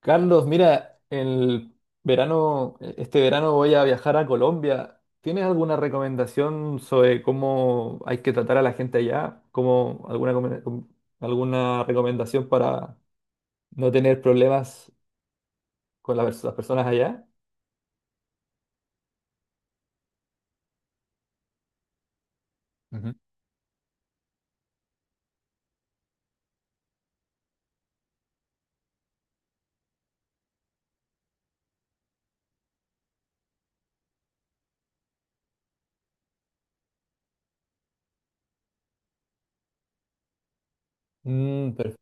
Carlos, mira, el verano, este verano voy a viajar a Colombia. ¿Tienes alguna recomendación sobre cómo hay que tratar a la gente allá? ¿Cómo alguna recomendación para no tener problemas con las personas allá? Ujú. Mm, per-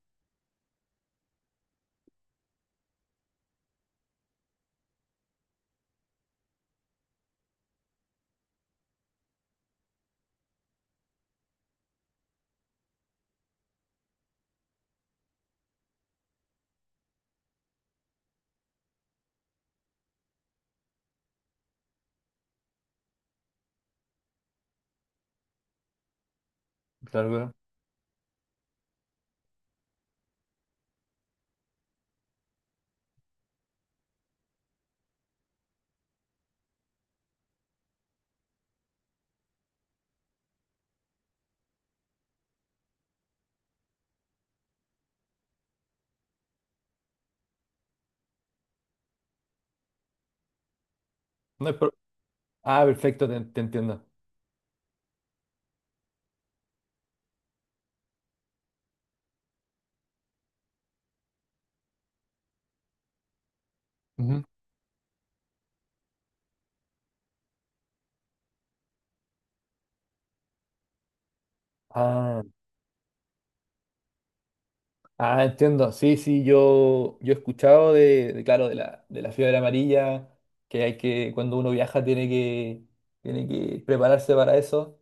claro, claro. No hay pro- Ah, perfecto, te entiendo. Ujú. Ah. Ah, entiendo. Sí, sí, yo he escuchado claro, de la fiebre amarilla, que hay que, cuando uno viaja tiene que prepararse para eso.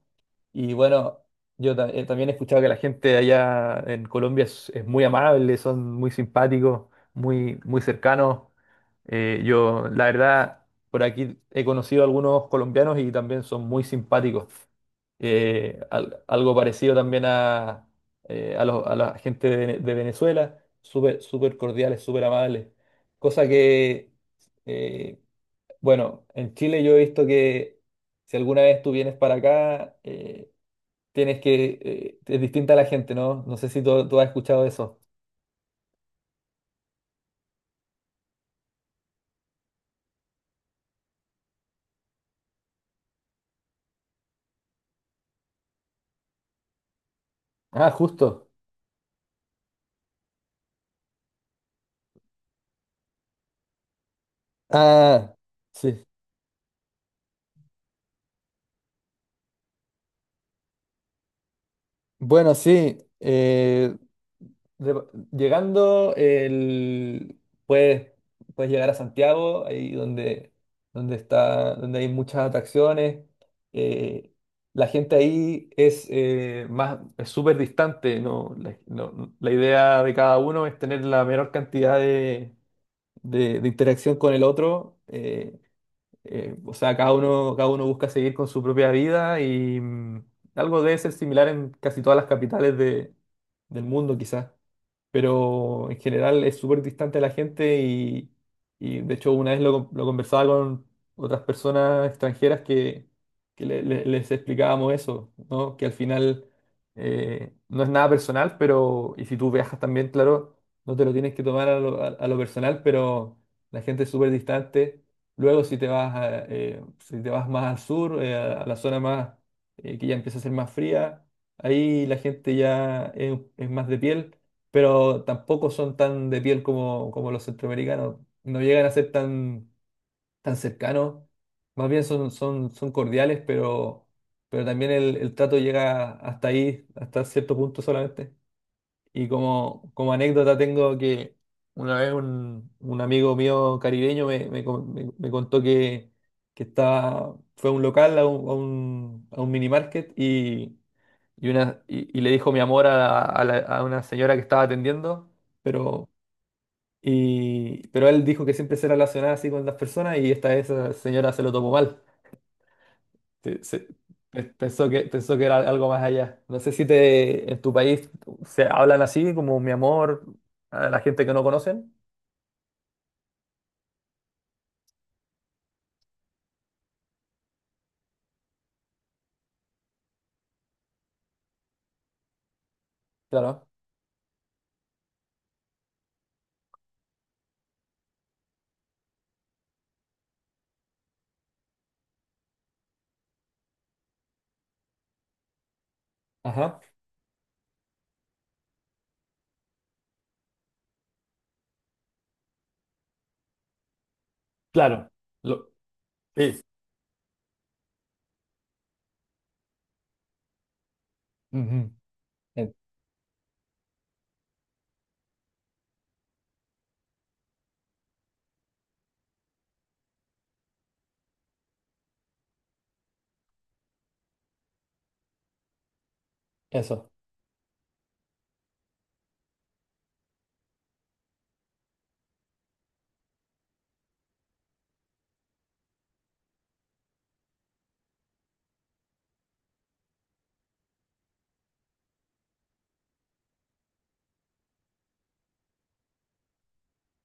Y bueno, también he escuchado que la gente allá en Colombia es muy amable, son muy simpáticos, muy cercanos. Yo, la verdad, por aquí he conocido a algunos colombianos y también son muy simpáticos. Algo parecido también a a la gente de, de Venezuela, súper cordiales, súper amables. Cosa que, eh, bueno, en Chile yo he visto que si alguna vez tú vienes para acá, es distinta a la gente, ¿no? No sé si tú has escuchado eso. Ah, justo. Ah, sí. Bueno, sí. De- llegando, puedes, puedes llegar a Santiago, ahí donde, donde hay muchas atracciones. eh, la gente ahí es es súper distante, ¿no? La idea de cada uno es tener la menor cantidad de, de interacción con el otro. O sea, cada uno busca seguir con su propia vida y mm, algo debe ser similar en casi todas las capitales de, del mundo, quizás, pero en general es súper distante a la gente y de hecho una vez lo conversaba con otras personas extranjeras que les explicábamos eso, ¿no? Que al final, no es nada personal, pero y si tú viajas también, claro, no te lo tienes que tomar a lo, a lo personal, pero la gente es súper distante. Luego si te vas a, si te vas más al sur, a la zona más que ya empieza a ser más fría, ahí la gente ya es más de piel, pero tampoco son tan de piel como, como los centroamericanos. No llegan a ser tan cercanos. Más bien son cordiales, pero también el trato llega hasta ahí, hasta cierto punto solamente. Y como, como anécdota tengo que una vez un amigo mío caribeño me contó que estaba, fue a un local, a un minimarket, y le dijo mi amor a, a una señora que estaba atendiendo, pero, y, pero él dijo que siempre se relacionaba así con las personas y esta esa señora se lo tomó mal. Se- se- Pensó pensó que era algo más allá. No sé si te, en tu país se hablan así, como mi amor, a la gente que no conocen. Claro. Ajá. Claro. Lo- Sí. Ujú. En- Eso.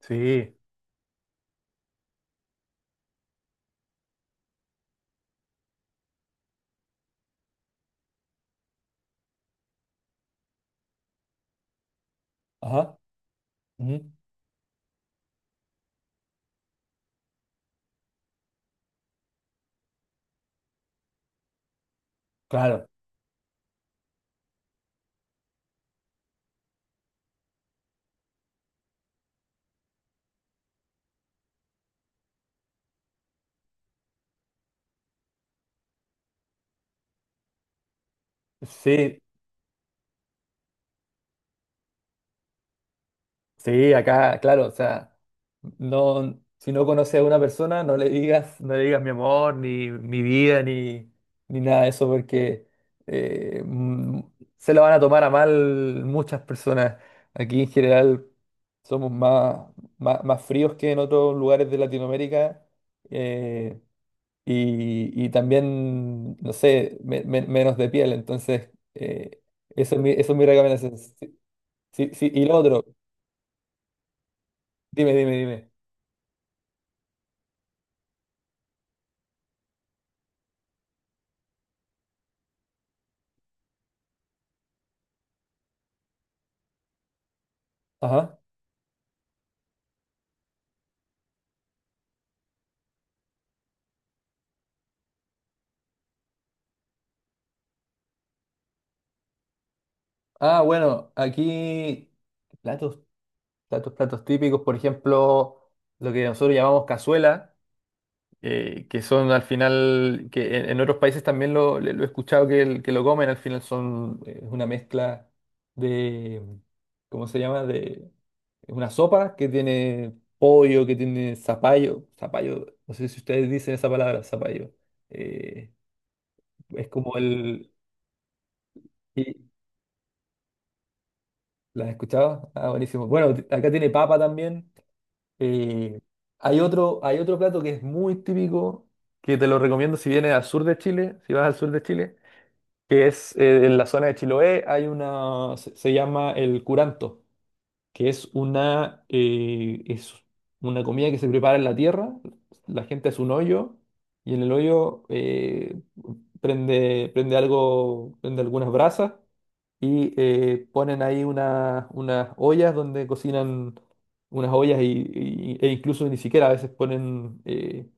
Sí. Ajá. Ujú. Claro. Sí, sí, acá, claro, o sea, no, si no conoces a una persona, no le digas, no le digas mi amor, ni mi vida, ni, ni nada de eso, porque eh, mm, se lo van a tomar a mal muchas personas. Aquí en general somos más fríos que en otros lugares de Latinoamérica, eh, y también, no sé, menos de piel. Entonces, eso es mi recomendación. Sí, sí, sí, y lo otro, dime, dime, dime. Ajá. Ah, bueno, aquí platos, platos típicos, por ejemplo, lo que nosotros llamamos cazuela, que son al final, que en otros países también lo he escuchado que lo comen, al final son una mezcla de, ¿cómo se llama? De Es una sopa que tiene pollo, que tiene zapallo, no sé si ustedes dicen esa palabra, zapallo. eh, es como el... ¿Las has escuchado? Ah, buenísimo. Bueno, acá tiene papa también. Eh, hay otro plato que es muy típico, que te lo recomiendo si vienes al sur de Chile, si vas al sur de Chile, que es en la zona de Chiloé, hay una, se llama el curanto, que es una comida que se prepara en la tierra, la gente hace un hoyo y en el hoyo prende algo, prende algunas brasas y ponen ahí unas ollas donde cocinan unas ollas y, e incluso ni siquiera a veces ponen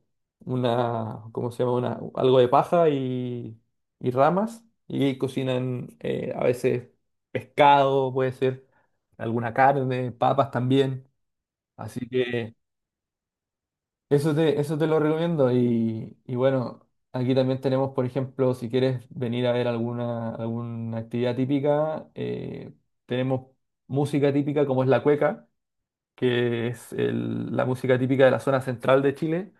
una, ¿cómo se llama? Una, algo de paja y ramas y cocinan a veces pescado, puede ser alguna carne, papas también. Así que eso te lo recomiendo. Y bueno, aquí también tenemos, por ejemplo, si quieres venir a ver alguna, alguna actividad típica, tenemos música típica como es la cueca, que es la música típica de la zona central de Chile.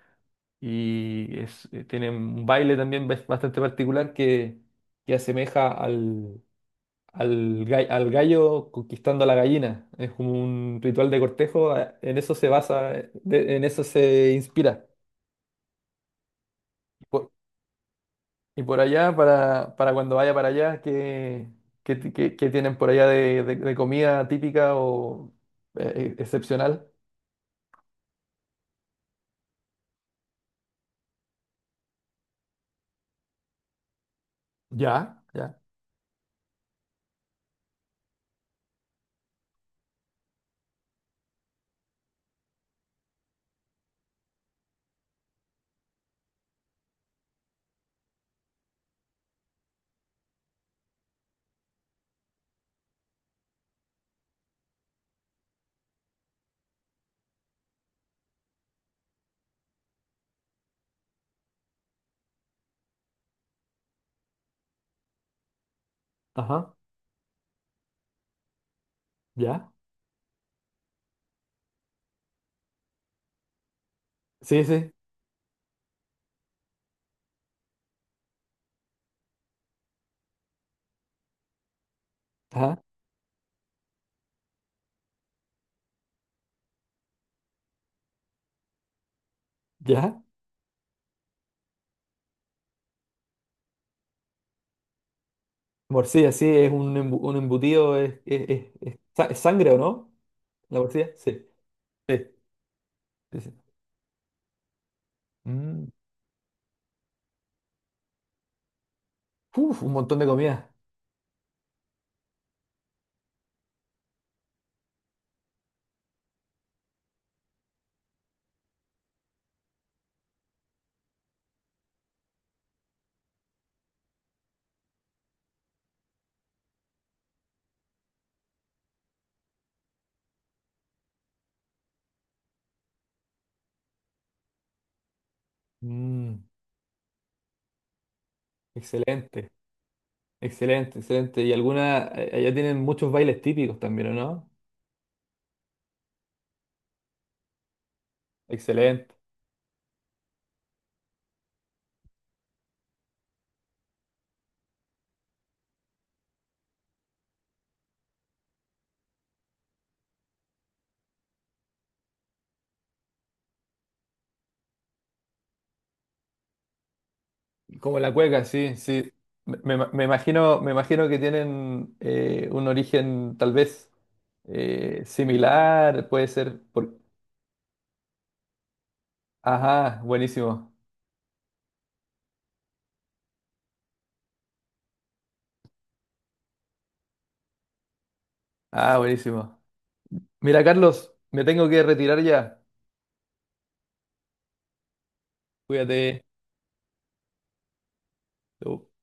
Y es, tiene un baile también bastante particular que asemeja al al gallo conquistando a la gallina. Es como un ritual de cortejo, en eso se basa, en eso se inspira. Por- y por allá, para cuando vaya para allá, ¿qué, qué tienen por allá de, de comida típica o excepcional? Ya, ya, ajá, ya. Sí, sí, ajá, ya. Morcilla, sí, es un, un embutido, es, es sangre, ¿o no? La morcilla, sí, sí, sí, sí. Mm. Uf, un montón de comida. Mm, excelente, excelente, excelente. Y alguna, allá tienen muchos bailes típicos también, ¿o no? Excelente. Como la cueca, sí, sí. Me imagino, me imagino que tienen un origen tal vez similar, puede ser por... Ajá, buenísimo. Ah, buenísimo. Mira, Carlos, me tengo que retirar ya. Cuídate. Chau.